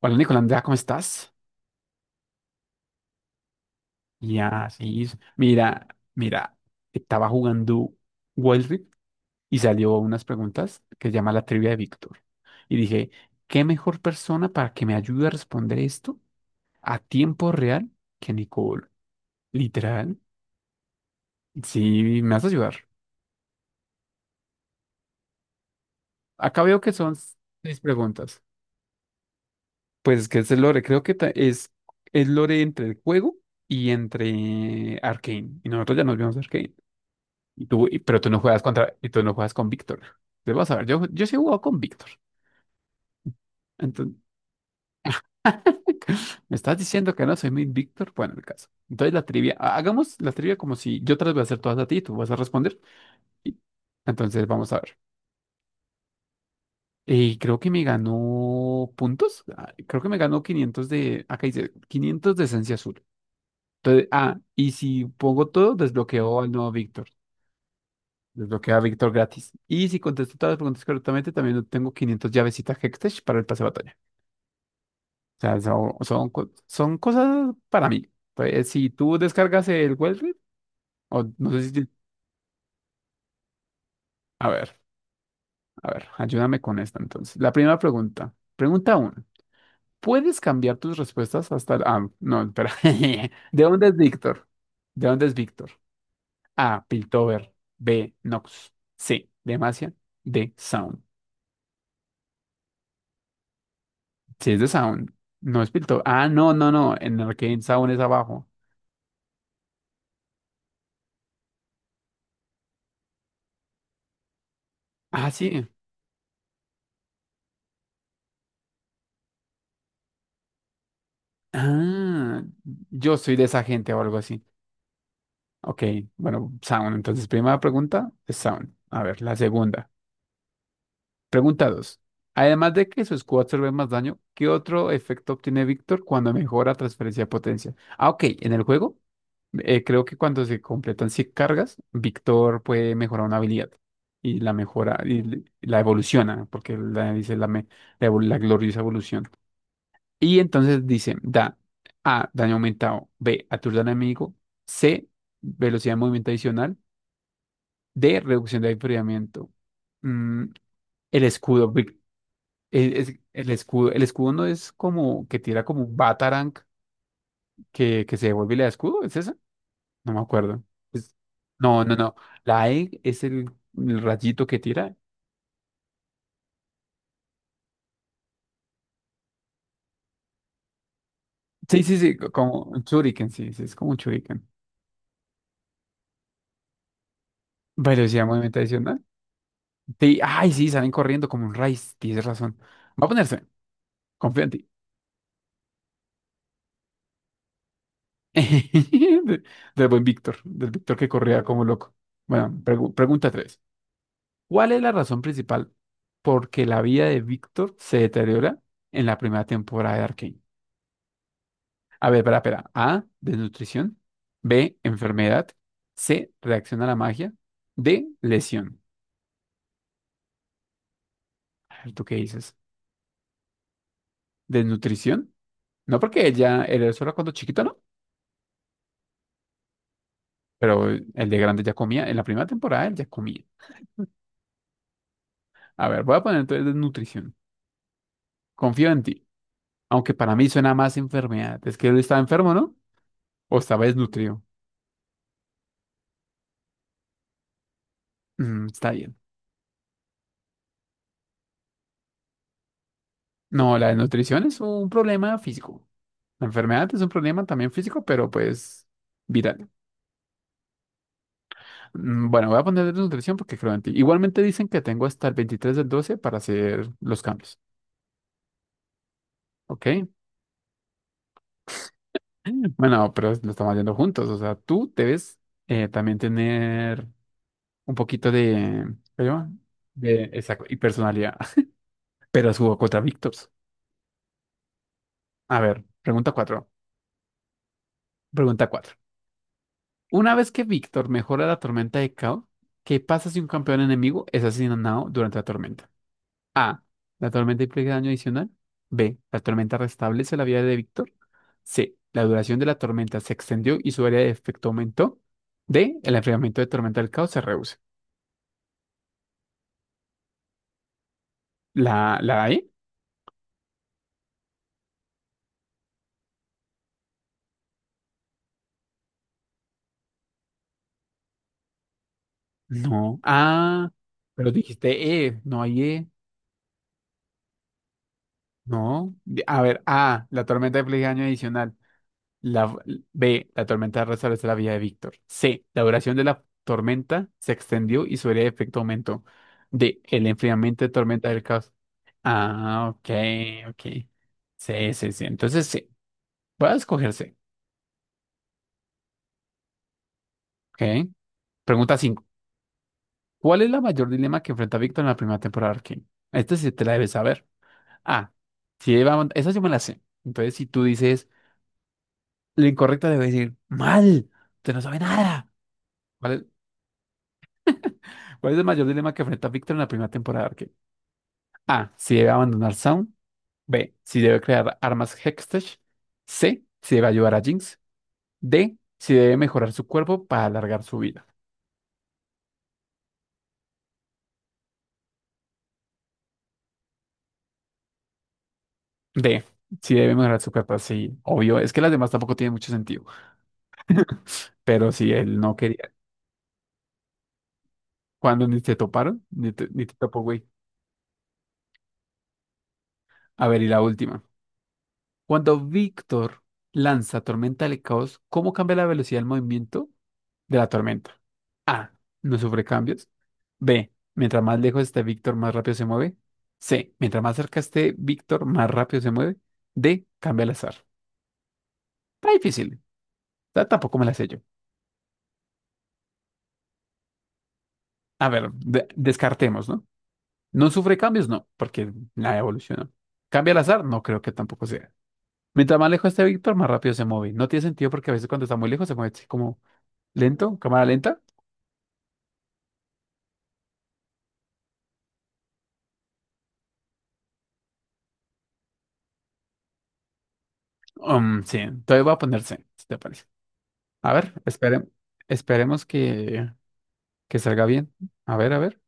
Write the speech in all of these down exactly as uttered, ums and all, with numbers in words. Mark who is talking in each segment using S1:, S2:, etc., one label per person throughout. S1: Hola Nicolás, ¿cómo estás? Ya, sí. Mira, mira, estaba jugando Wild Rift y salió unas preguntas que se llama la trivia de Víctor. Y dije, ¿qué mejor persona para que me ayude a responder esto a tiempo real que Nicole? Literal. Sí, me vas a ayudar. Acá veo que son seis preguntas. Pues es que es el lore, creo que ta- es el lore entre el juego y entre Arcane. Y nosotros ya nos vimos Arcane. Y tú, y- pero tú no juegas contra, y tú no juegas con Víctor. Entonces, vas a ver, yo, yo sí he jugado con Víctor. Entonces, ¿me estás diciendo que no soy mi Víctor? Bueno, el caso. Entonces la trivia, ha- hagamos la trivia como si yo te las voy a hacer todas a ti y tú vas a responder. Y- entonces vamos a ver. Y creo que me ganó puntos. Ah, creo que me ganó quinientos de, acá dice quinientos de esencia azul. Entonces, ah, y si pongo todo, desbloqueo al nuevo Víctor. Desbloquea a Víctor gratis. Y si contesto todas las preguntas correctamente, también obtengo quinientas llavecitas Hextech para el pase de batalla. O sea, son, son, co- son cosas para mí. Entonces si tú descargas el Wellread, o no sé si... A ver, a ver, ayúdame con esta entonces. La primera pregunta. Pregunta uno. ¿Puedes cambiar tus respuestas hasta... el- ah, no, espera. ¿De dónde es Víctor? ¿De dónde es Víctor? A, Piltover. B, Nox. C, Demacia. D, Sound. Sí, es de Sound. No es Piltover. Ah, no, no, no. En Arcane Sound es abajo. Ah, sí. Ah, yo soy de esa gente o algo así. Ok, bueno, Sound. Entonces, primera pregunta es Sound. A ver, la segunda. Pregunta dos. Además de que su escudo absorbe más daño, ¿qué otro efecto obtiene Víctor cuando mejora transferencia de potencia? Ah, ok, en el juego. Eh, creo que cuando se completan cien cargas, Víctor puede mejorar una habilidad y la mejora y l- la evoluciona, porque la, dice la, me- la, evol- la gloriosa evolución. Y entonces dice, da A, daño aumentado; B, aturda al enemigo; C, velocidad de movimiento adicional; D, reducción de enfriamiento. Mm, el escudo, Vic- el, es- el escudo, el escudo no es como que tira como un batarang que, que se devuelve y le da escudo, ¿es eso? No me acuerdo. Es- No, no, no. La E es el, el rayito que tira. Sí, sí, sí, co- como un shuriken, sí, sí, es como un shuriken. Velocidad, movimiento adicional. Sí, ay, sí, salen corriendo como un raíz, tienes razón. Va a ponerse, confío en ti. De- del buen Víctor, del Víctor que corría como loco. Bueno, pregu- pregunta tres. ¿Cuál es la razón principal por que la vida de Víctor se deteriora en la primera temporada de Arcane? A ver, espera, espera. A, desnutrición. B, enfermedad. C, reacción a la magia. D, lesión. A ver, ¿tú qué dices? ¿Desnutrición? No, porque ella, él era solo cuando chiquito, ¿no? Pero el de grande ya comía. En la primera temporada él ya comía. A ver, voy a poner entonces desnutrición. Confío en ti. Aunque para mí suena más enfermedad. Es que él estaba enfermo, ¿no? O estaba desnutrido. Mm, está bien. No, la desnutrición es un problema físico. La enfermedad es un problema también físico, pero pues viral. Mm, bueno, voy a poner nutrición porque creo en ti. Igualmente dicen que tengo hasta el veintitrés del doce para hacer los cambios. ¿Ok? Bueno, pero lo estamos haciendo juntos. O sea, tú debes, eh, también tener un poquito de... ¿cómo se llama? De, exacto, y personalidad. Pero subo contra Víctor. A ver, pregunta cuatro. Pregunta cuatro. Una vez que Víctor mejora la tormenta de caos, ¿qué pasa si un campeón enemigo es asesinado durante la tormenta? A, la tormenta implica daño adicional. B, la tormenta restablece la vida de Víctor. C, la duración de la tormenta se extendió y su área de efecto aumentó. D, el enfriamiento de tormenta del caos se reduce. ¿La, la E? No. Ah, pero dijiste E, no hay E. No. A ver, A, la tormenta implica daño adicional. La, B, la tormenta restablece la vida de Víctor. C, la duración de la tormenta se extendió y su área de efecto aumentó. D, el enfriamiento de tormenta del caos. Ah, ok, ok. Sí, sí, sí. Entonces, sí. Voy a escoger C. Ok. Pregunta cinco. ¿Cuál es la mayor dilema que enfrenta Víctor en la primera temporada de Arcane? Esta sí te la debes saber. A. Si lleva, esa sí me la sé. Entonces, si tú dices lo incorrecto, debes decir mal. Usted no sabe nada. ¿Cuál es? ¿Cuál es el mayor dilema que enfrenta Víctor en la primera temporada de Arcane? A, si debe abandonar Sound. B, si debe crear armas Hextech. C, si debe ayudar a Jinx. D, si debe mejorar su cuerpo para alargar su vida. D, si debe mejorar su cuerpo. Sí, obvio. Es que las demás tampoco tienen mucho sentido. Pero si él no quería. Cuando ni te toparon, ni te, ni te topó, güey. A ver, y la última. Cuando Víctor lanza Tormenta del Caos, ¿cómo cambia la velocidad del movimiento de la tormenta? A, no sufre cambios. B, mientras más lejos esté Víctor, más rápido se mueve. C, mientras más cerca esté Víctor, más rápido se mueve. D, cambia al azar. Está difícil. Ta- Tampoco me la sé yo. A ver, de- descartemos, ¿no? No sufre cambios, no, porque nada evolucionó. Cambia al azar, no creo que tampoco sea. Mientras más lejos esté Víctor, más rápido se mueve. No tiene sentido porque a veces cuando está muy lejos se mueve así como lento, cámara lenta. Um, sí, entonces voy a poner C, si te parece. A ver, espere- esperemos que. Que salga bien. A ver, a ver.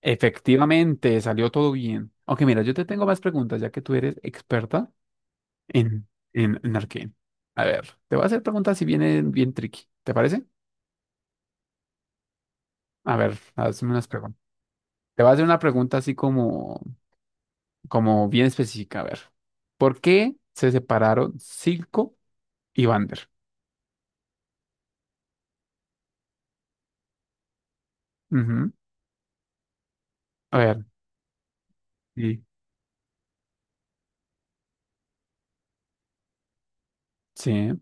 S1: Efectivamente, salió todo bien. Aunque mira, yo te tengo más preguntas, ya que tú eres experta en, en, en Arcane. A ver, te voy a hacer preguntas si vienen bien tricky. ¿Te parece? A ver, hazme unas preguntas. Te voy a hacer una pregunta así como, como bien específica. A ver, ¿por qué se separaron Silco y Vander? Ujú. A ver, sí. Sí.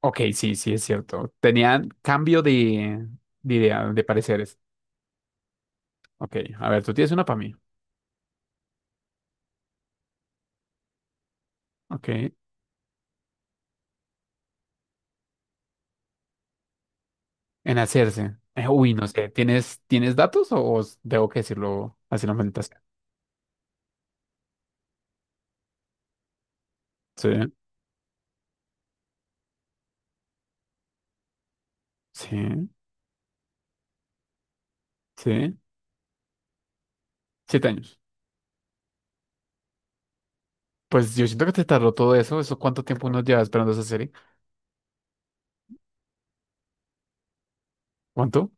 S1: Ok, sí, sí, es cierto. Tenían cambio de, de idea, de pareceres. Ok, a ver, tú tienes una para mí. Ok. En hacerse. Eh, uy, no sé. ¿Tienes, tienes datos o, o tengo que decirlo así la fantasía? Sí, sí, sí. Siete años. Pues yo siento que te tardó todo eso. ¿Eso cuánto tiempo uno lleva esperando esa serie? ¿Cuánto?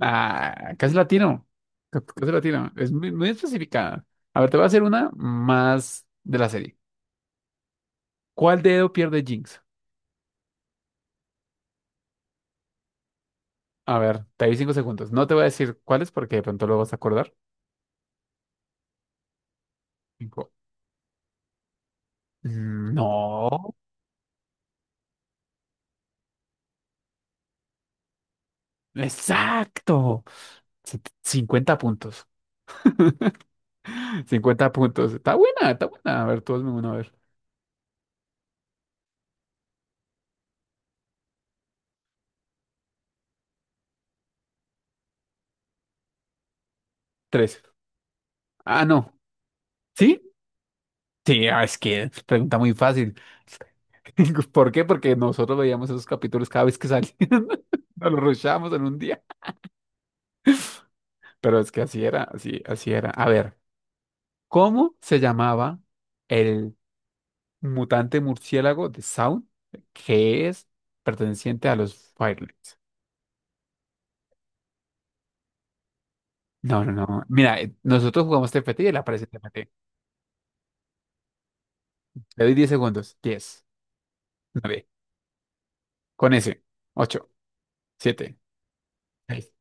S1: Ah, casi latino. C- Casi latino. Es muy, muy especificada. A ver, te voy a hacer una más de la serie. ¿Cuál dedo pierde Jinx? A ver, te doy cinco segundos. No te voy a decir cuáles porque de pronto lo vas a acordar. Cinco. Mm, no. Exacto. set- cincuenta puntos. Cincuenta puntos. Está buena, está buena. A ver, tú hazme una, a ver. Tres. Ah, no. ¿Sí? Sí, ah, es que es pregunta muy fácil. ¿Por qué? Porque nosotros veíamos esos capítulos cada vez que salían. Nos los rushábamos en un día. Pero es que así era, así, así era. A ver, ¿cómo se llamaba el mutante murciélago de Sound que es perteneciente a los Firelings? No, no, no. Mira, eh, nosotros jugamos T F T y él aparece en T F T. Le doy diez segundos. Diez, nueve, con ese. Ocho, siete, seis.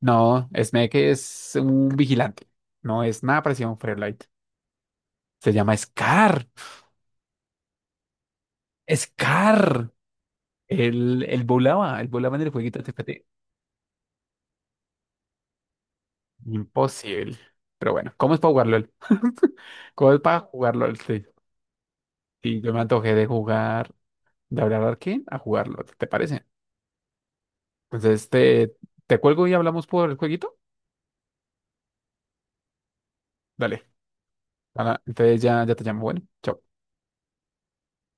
S1: No, Smack es un vigilante. No es nada parecido a un Firelight. Se llama Scar. Scar. Él, él volaba, él volaba en el jueguito de T F T. Imposible. Pero bueno, ¿cómo es para jugar LOL? ¿Cómo es para jugar LOL? Sí. Y yo me antojé de jugar, de hablar a quién, a jugar LOL, ¿te parece? Entonces te, te cuelgo y hablamos por el jueguito. Dale. Ahora, entonces ya, ya te llamo. Bueno, chao.